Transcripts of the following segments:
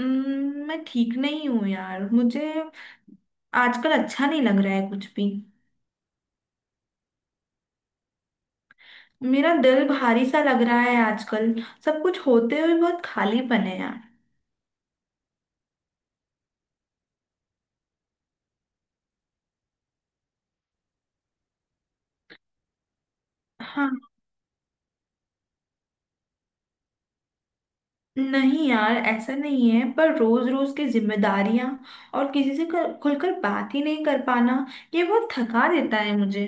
मैं ठीक नहीं हूँ यार। मुझे आजकल अच्छा नहीं लग रहा है कुछ भी। मेरा दिल भारी सा लग रहा है आजकल। सब कुछ होते हुए बहुत खालीपन है यार। हाँ, नहीं यार ऐसा नहीं है, पर रोज रोज की जिम्मेदारियां और किसी से खुलकर बात ही नहीं कर पाना, ये बहुत थका देता है मुझे।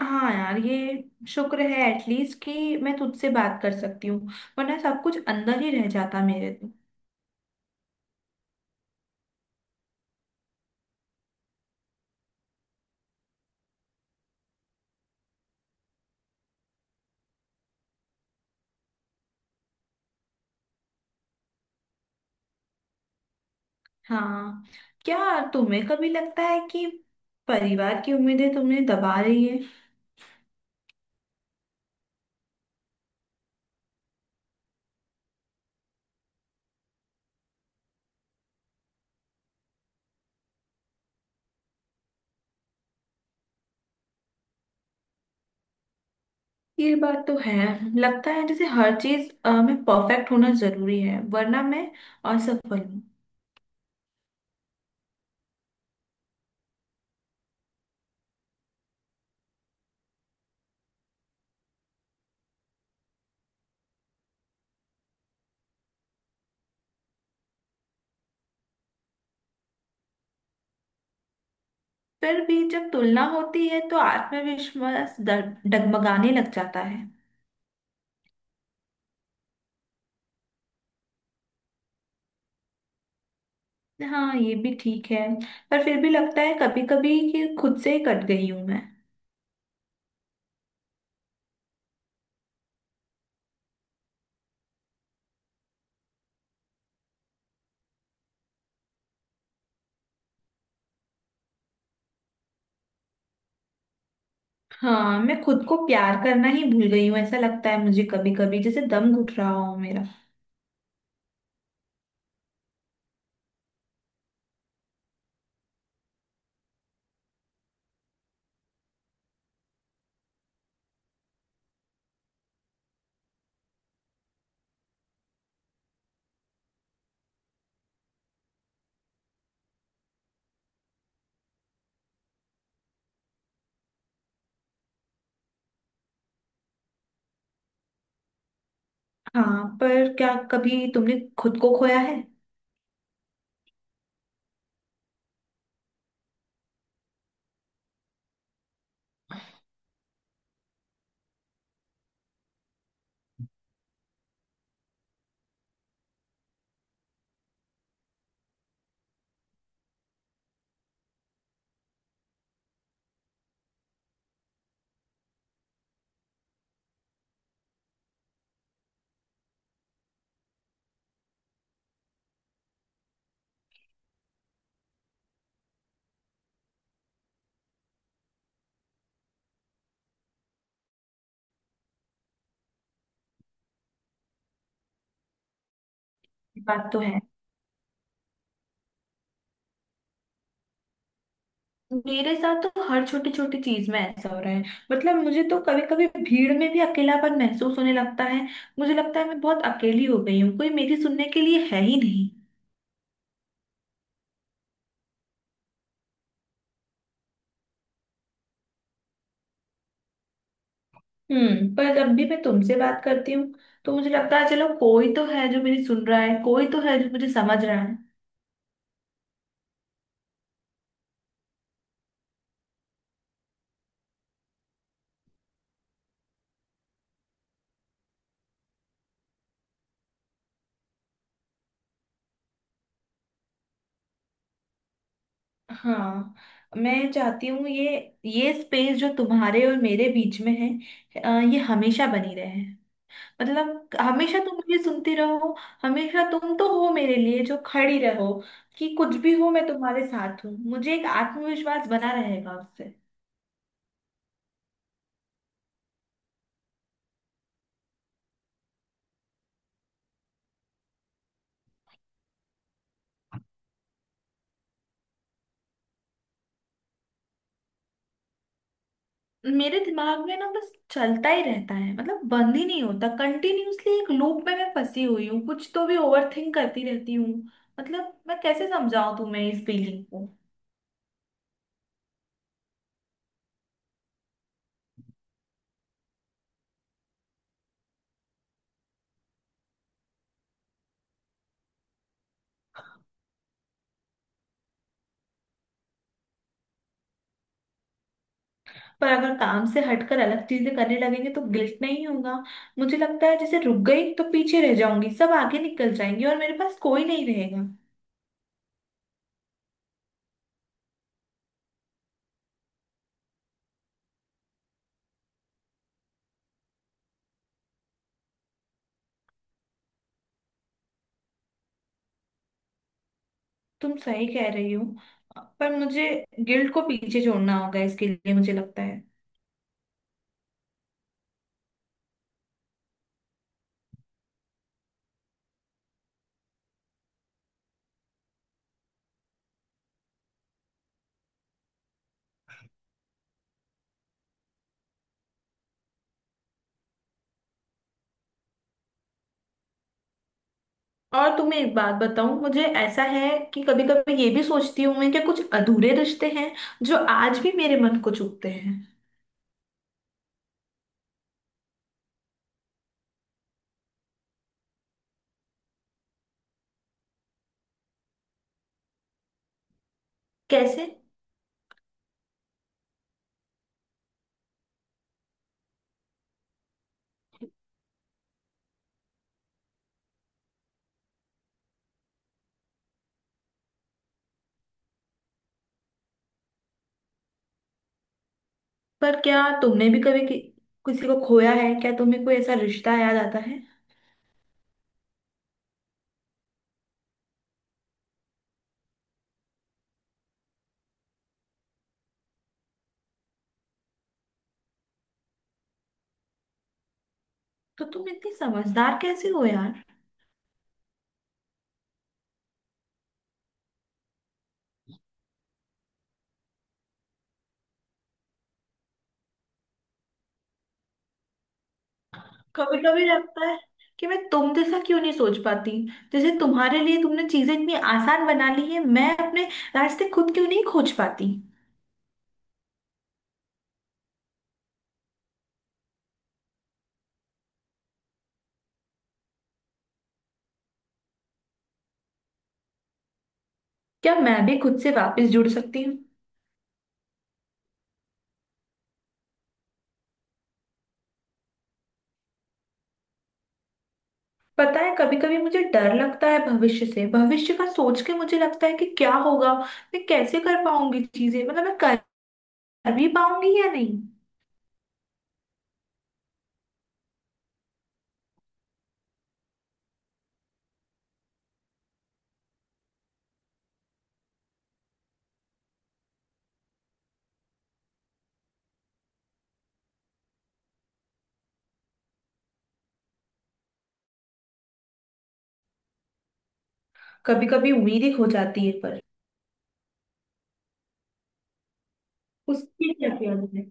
हाँ यार, ये शुक्र है एटलीस्ट कि मैं तुझसे बात कर सकती हूँ, वरना सब कुछ अंदर ही रह जाता मेरे तो। हाँ। क्या तुम्हें कभी लगता है कि परिवार की उम्मीदें तुमने दबा रही है। ये बात तो है। लगता है जैसे हर चीज में परफेक्ट होना जरूरी है, वरना मैं असफल हूँ। फिर भी जब तुलना होती है तो आत्मविश्वास डगमगाने लग जाता है। हाँ ये भी ठीक है। पर फिर भी लगता है कभी कभी कि खुद से ही कट गई हूँ मैं। हाँ, मैं खुद को प्यार करना ही भूल गई हूँ। ऐसा लगता है मुझे कभी कभी जैसे दम घुट रहा हो मेरा। हाँ, पर क्या कभी तुमने खुद को खोया है। ये बात तो है। मेरे साथ तो हर छोटी छोटी चीज में ऐसा हो रहा है। मतलब मुझे तो कभी कभी भीड़ में भी अकेलापन महसूस होने लगता है। मुझे लगता है मैं बहुत अकेली हो गई हूँ, कोई मेरी सुनने के लिए है ही नहीं। हम्म, पर जब भी मैं तुमसे बात करती हूँ तो मुझे लगता है चलो कोई तो है जो मेरी सुन रहा है, कोई तो है जो मुझे समझ रहा है। हाँ, मैं चाहती हूँ ये स्पेस जो तुम्हारे और मेरे बीच में है ये हमेशा बनी रहे। मतलब हमेशा तुम मुझे सुनती रहो, हमेशा तुम तो हो मेरे लिए जो खड़ी रहो कि कुछ भी हो मैं तुम्हारे साथ हूँ, मुझे एक आत्मविश्वास बना रहेगा उससे। मेरे दिमाग में ना बस चलता ही रहता है, मतलब बंद ही नहीं होता कंटिन्यूअसली, एक लूप में मैं फंसी हुई हूँ, कुछ तो भी ओवर थिंक करती रहती हूँ। मतलब मैं कैसे समझाऊं तुम्हें इस फीलिंग को। पर अगर काम से हटकर अलग चीजें करने लगेंगे तो गिल्ट नहीं होगा। मुझे लगता है जैसे रुक गई तो पीछे रह जाऊंगी, सब आगे निकल जाएंगे और मेरे पास कोई नहीं रहेगा। तुम सही कह रही हो। पर मुझे गिल्ड को पीछे छोड़ना होगा इसके लिए मुझे लगता है। और तुम्हें एक बात बताऊं, मुझे ऐसा है कि कभी कभी ये भी सोचती हूं मैं कि कुछ अधूरे रिश्ते हैं जो आज भी मेरे मन को चुभते हैं। कैसे। पर क्या तुमने भी कभी किसी को खोया है। क्या तुम्हें कोई ऐसा रिश्ता याद आता है। तो तुम इतनी समझदार कैसे हो यार। कभी कभी लगता है कि मैं तुम जैसा क्यों नहीं सोच पाती। जैसे तुम्हारे लिए तुमने चीजें इतनी आसान बना ली है, मैं अपने रास्ते खुद क्यों नहीं खोज पाती। क्या मैं भी खुद से वापस जुड़ सकती हूँ। पता है कभी कभी मुझे डर लगता है भविष्य से, भविष्य का सोच के मुझे लगता है कि क्या होगा, मैं कैसे कर पाऊंगी चीजें, मतलब मैं कर भी पाऊंगी या नहीं। कभी कभी उम्मीद ही खो जाती है पर उसकी क्या किया जाए?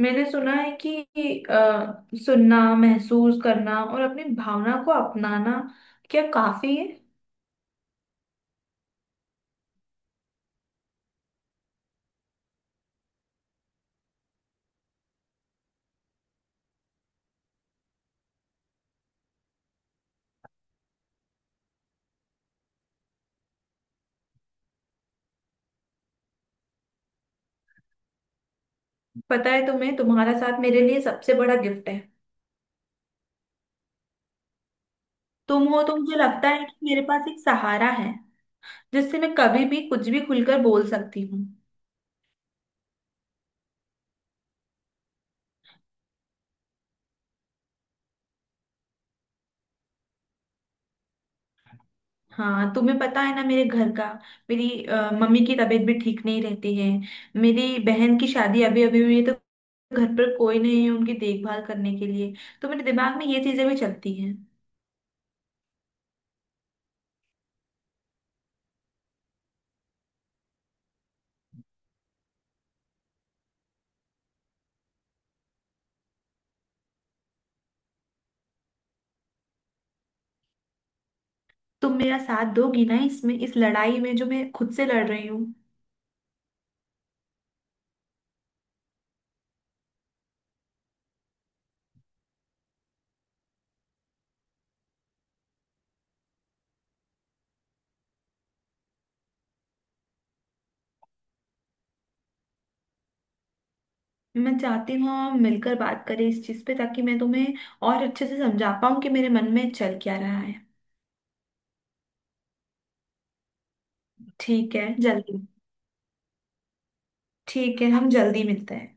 मैंने सुना है कि सुनना, महसूस करना और अपनी भावना को अपनाना, क्या काफी है। पता है तुम्हें, तुम्हारा साथ मेरे लिए सबसे बड़ा गिफ्ट है। तुम हो तो मुझे लगता है कि मेरे पास एक सहारा है जिससे मैं कभी भी कुछ भी खुलकर बोल सकती हूँ। हाँ तुम्हें पता है ना, मेरे घर का, मेरी मम्मी की तबीयत भी ठीक नहीं रहती है, मेरी बहन की शादी अभी अभी हुई है तो घर पर कोई नहीं है उनकी देखभाल करने के लिए। तो मेरे दिमाग में ये चीजें भी चलती हैं। तुम मेरा साथ दोगी ना इसमें, इस लड़ाई में जो मैं खुद से लड़ रही हूँ। मैं चाहती हूँ हम मिलकर बात करें इस चीज़ पे ताकि मैं तुम्हें और अच्छे से समझा पाऊँ कि मेरे मन में चल क्या रहा है। ठीक है, जल्दी। ठीक है, हम जल्दी मिलते हैं।